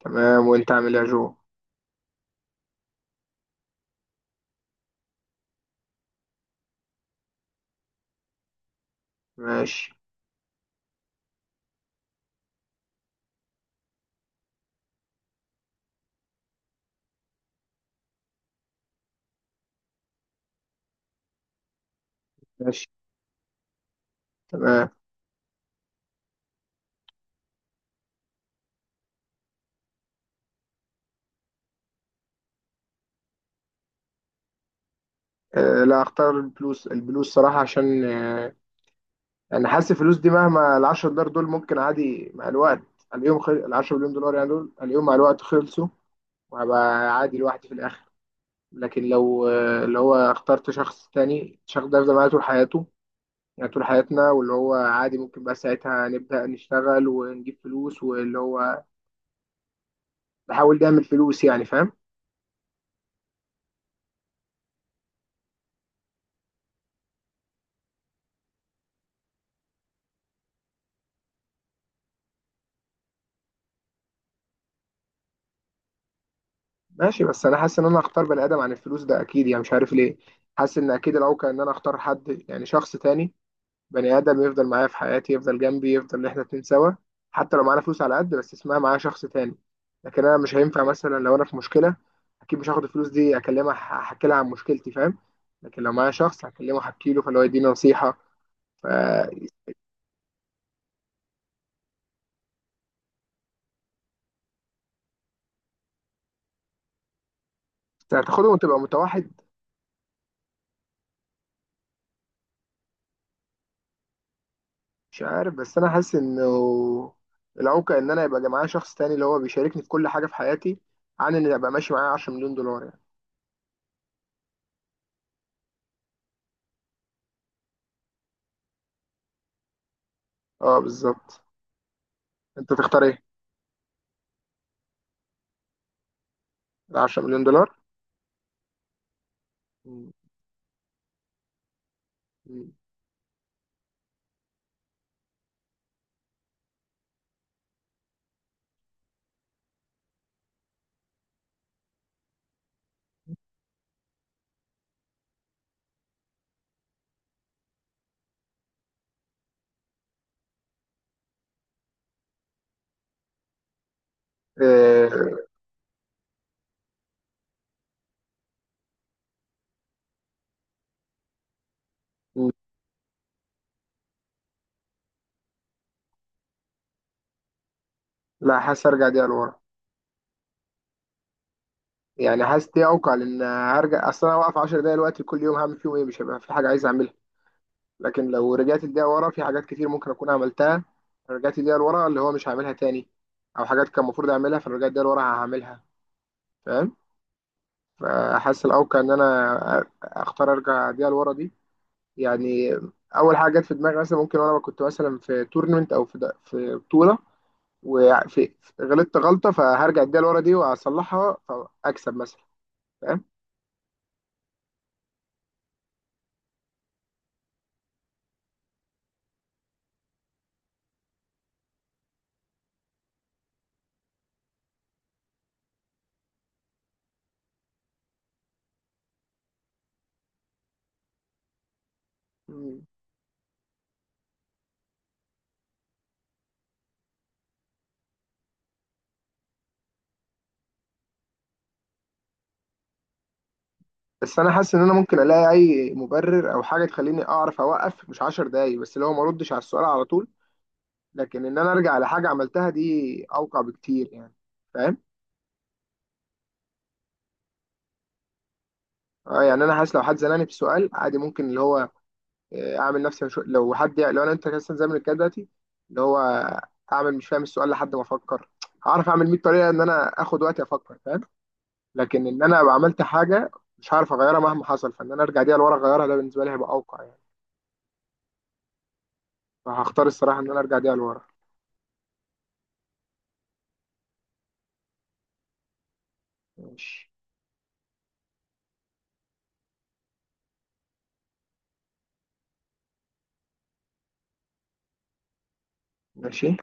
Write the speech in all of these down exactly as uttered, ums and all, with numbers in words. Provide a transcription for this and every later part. تمام، وانت عامل ايه يا جو؟ ماشي. ماشي. تمام. آه لا، اختار الفلوس. الفلوس صراحة، عشان آه انا حاسس الفلوس دي مهما، ال عشر دولار دول ممكن عادي مع الوقت اليوم. خل... ال عشرة مليون دولار يعني دول اليوم مع الوقت خلصوا، وهبقى عادي لوحدي في الاخر. لكن لو آه اللي هو اخترت شخص تاني، الشخص ده هيفضل معايا طول حياته، يعني طول حياتنا، واللي هو عادي ممكن بقى ساعتها نبدأ نشتغل ونجيب فلوس، واللي هو نحاول نعمل فلوس، يعني فاهم؟ ماشي. بس انا حاسس ان انا هختار بني ادم عن الفلوس ده اكيد، يعني مش عارف ليه. حاسس ان اكيد الاوقع ان انا اختار حد، يعني شخص تاني، بني ادم يفضل معايا في حياتي، يفضل جنبي، يفضل ان احنا اتنين سوا. حتى لو معانا فلوس على قد، بس اسمها معايا شخص تاني. لكن انا مش هينفع مثلا لو انا في مشكله اكيد مش هاخد الفلوس دي اكلمها، ح- احكي لها عن مشكلتي، فاهم؟ لكن لو معايا شخص هكلمه احكي له، فاللي هو يديني نصيحه. ف هتاخدهم وتبقى متوحد. مش عارف، بس انا حاسس انه العوكة ان انا يبقى معايا شخص تاني اللي هو بيشاركني في كل حاجة في حياتي، عن ان يبقى ماشي معايا عشرة مليون دولار يعني. اه بالظبط. انت تختار ايه؟ ال عشرة مليون دولار. مم. مم. إيه. مم. لا، حاسس ارجع دقيقة لورا. يعني حاسس دي اوقع، لان هرجع. اصل انا واقف عشر دقايق دلوقتي كل يوم، هعمل فيهم ايه؟ مش هيبقى في حاجة عايز اعملها. لكن لو رجعت الدقيقة ورا، في حاجات كتير ممكن اكون عملتها. رجعت الدقيقة لورا اللي هو مش هعملها تاني، او حاجات كان المفروض اعملها فرجعت الدقيقة لورا هعملها، فاهم؟ فحاسس الاوقع ان انا اختار ارجع بيها لورا دي، يعني اول حاجه جت في دماغي مثلا، ممكن وانا كنت مثلا في تورنمنت او في في بطوله، وفي غلطت غلطه، فهرجع اديها لورا دي واصلحها، فاكسب مثلا، فاهم؟ بس انا حاسس ان انا ممكن الاقي اي مبرر او حاجه تخليني اعرف اوقف مش عشر دقايق بس، اللي هو ما اردش على السؤال على طول. لكن ان انا ارجع لحاجه عملتها دي اوقع بكتير يعني، فاهم؟ اه يعني انا حاسس لو حد زنقني بسؤال عادي، ممكن اللي هو آه، اعمل نفسي مش... لو حد لو انا انت مثلا زي ما بنتكلم دلوقتي، اللي هو اعمل مش فاهم السؤال لحد ما افكر. هعرف اعمل مية طريقه ان انا اخد وقتي افكر، فاهم؟ لكن ان انا ابقى عملت حاجه مش هعرف اغيرها مهما حصل، فان انا ارجع دي لورا اغيرها، ده بالنسبه لي هيبقى اوقع يعني. فهختار الصراحه ان انا ارجع دي لورا. ماشي. ماشي.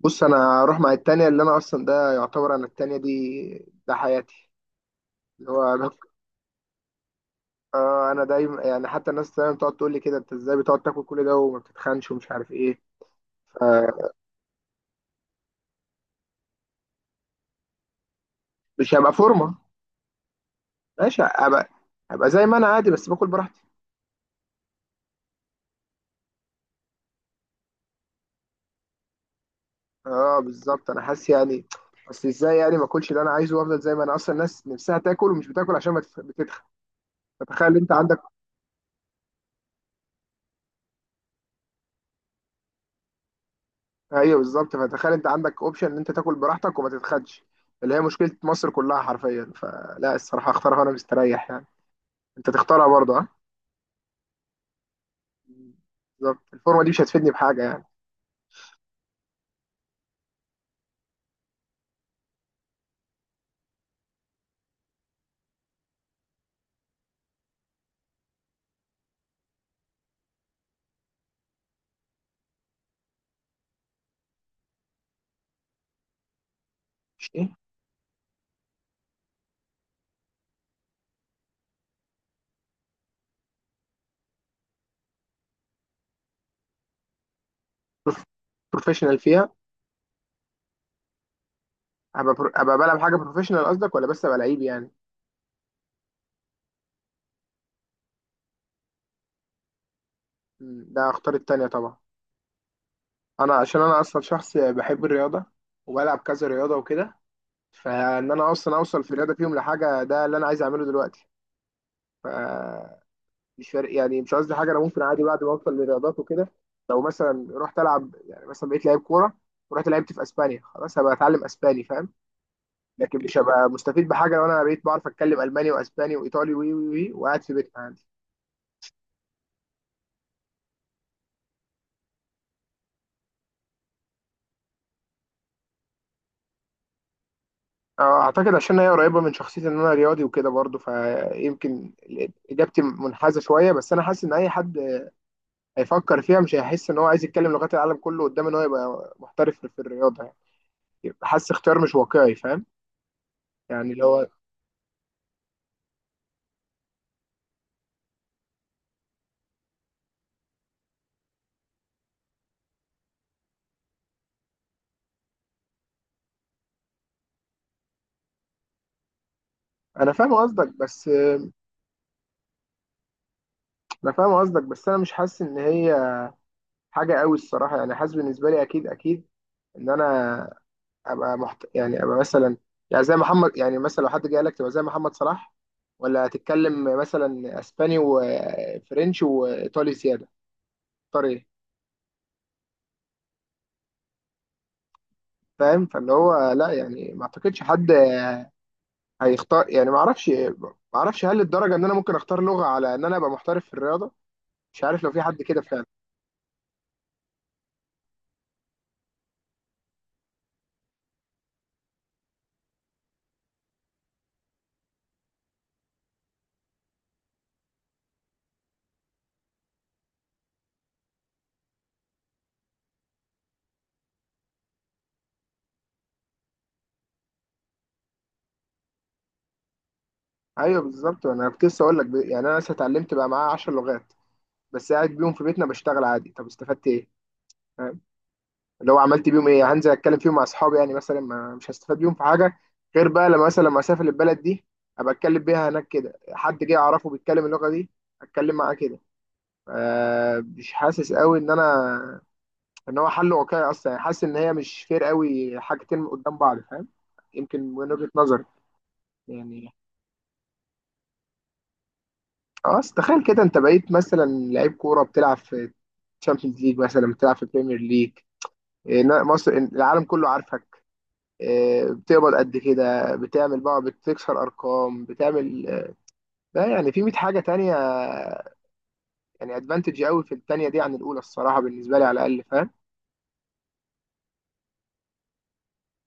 بص، انا هروح مع التانية، اللي انا اصلا ده يعتبر انا التانية دي، ده حياتي اللي هو انا. آه، انا دايما يعني، حتى الناس دايما بتقعد تقول لي كده انت ازاي بتقعد تاكل كل ده وما بتتخنش ومش عارف ايه. ف- مش هبقى فورمه. ماشي، ابقى، ابقى زي ما انا عادي بس باكل براحتي. اه بالظبط. انا حاسس يعني اصل ازاي يعني ما اكلش اللي انا عايزه وافضل زي ما انا، اصلا الناس نفسها تاكل ومش بتاكل عشان ما تف- بتتخن. فتخيل انت عندك. ايوه بالظبط. فتخيل انت عندك اوبشن ان انت تاكل براحتك وما تتخنش، اللي هي مشكله مصر كلها حرفيا، فلا الصراحه اختارها وانا مستريح يعني. انت تختارها برضه؟ ها. بالظبط، الفورمه دي مش هتفيدني بحاجه يعني. مش ايه بروفيشنال فيها؟ ابقى برو- ابقى بلعب حاجه بروفيشنال قصدك، ولا بس ابقى لعيب يعني. مم، ده اختار التانيه طبعا. انا عشان انا اصلا شخص بحب الرياضه، وبلعب كذا رياضه وكده، فان انا اصلا اوصل في الرياضه فيهم لحاجه ده اللي انا عايز اعمله دلوقتي. فمش فارق يعني، مش قصدي حاجه، انا ممكن عادي بعد ما اوصل للرياضات وكده، لو مثلا رحت العب يعني مثلا بقيت لعيب كوره ورحت لعبت في اسبانيا، خلاص هبقى اتعلم اسباني، فاهم؟ لكن مش هبقى مستفيد بحاجه لو انا بقيت بعرف اتكلم الماني واسباني وايطالي وي وي وي وقاعد في بيتنا عادي. آه، اعتقد عشان هي قريبه من شخصيتي ان انا رياضي وكده برضه، فيمكن اجابتي منحازه شويه، بس انا حاسس ان اي حد هيفكر فيها مش هيحس ان هو عايز يتكلم لغات العالم كله قدام ان هو يبقى محترف في الرياضه، يعني يبقى حاسس اختيار مش واقعي، فاهم؟ يعني اللي هو انا فاهم قصدك بس انا فاهم قصدك، بس انا مش حاسس ان هي حاجه قوي الصراحه، يعني حاسس بالنسبه لي اكيد اكيد ان انا ابقى محت... يعني ابقى مثلا، يعني زي محمد يعني مثلا لو حد جه قال لك تبقى زي محمد صلاح، ولا هتتكلم مثلا اسباني وفرنش وايطالي زياده، اختار ايه؟ فاهم؟ فاللي هو لا، يعني ما اعتقدش حد هيختار يعني، ما اعرفش، ما اعرفش هل الدرجه ان انا ممكن اختار لغه على ان انا ابقى محترف في الرياضه، مش عارف لو في حد كده فعلا. ايوه بالظبط. انا كنت لسه اقول لك ب- يعني انا لسه اتعلمت بقى معايا عشر لغات، بس قاعد بيهم في بيتنا بشتغل عادي، طب استفدت ايه؟ فاهم؟ لو عملت بيهم ايه؟ هنزل اتكلم فيهم مع اصحابي يعني مثلا، ما مش هستفاد بيهم في حاجه، غير بقى لما مثلا لما اسافر البلد دي ابقى اتكلم بيها هناك. كده حد جه اعرفه بيتكلم اللغه دي، اتكلم معاه كده. ف- مش حاسس قوي ان انا ان هو حل واقعي اصلا، يعني حاسس ان هي مش فير قوي حاجتين قدام بعض، فاهم؟ يمكن من وجهة نظري يعني. خلاص تخيل كده، انت بقيت مثلا لعيب كوره بتلعب في تشامبيونز ليج مثلا، بتلعب في بريمير ليج، إيه، نا- مصر العالم كله عارفك، إيه، بتقبض قد كده بتعمل بقى، بتكسر ارقام بتعمل، لا يعني في مائة حاجه تانية، يعني ادفانتج قوي في التانية دي عن الاولى الصراحه بالنسبه لي على الاقل، فاهم؟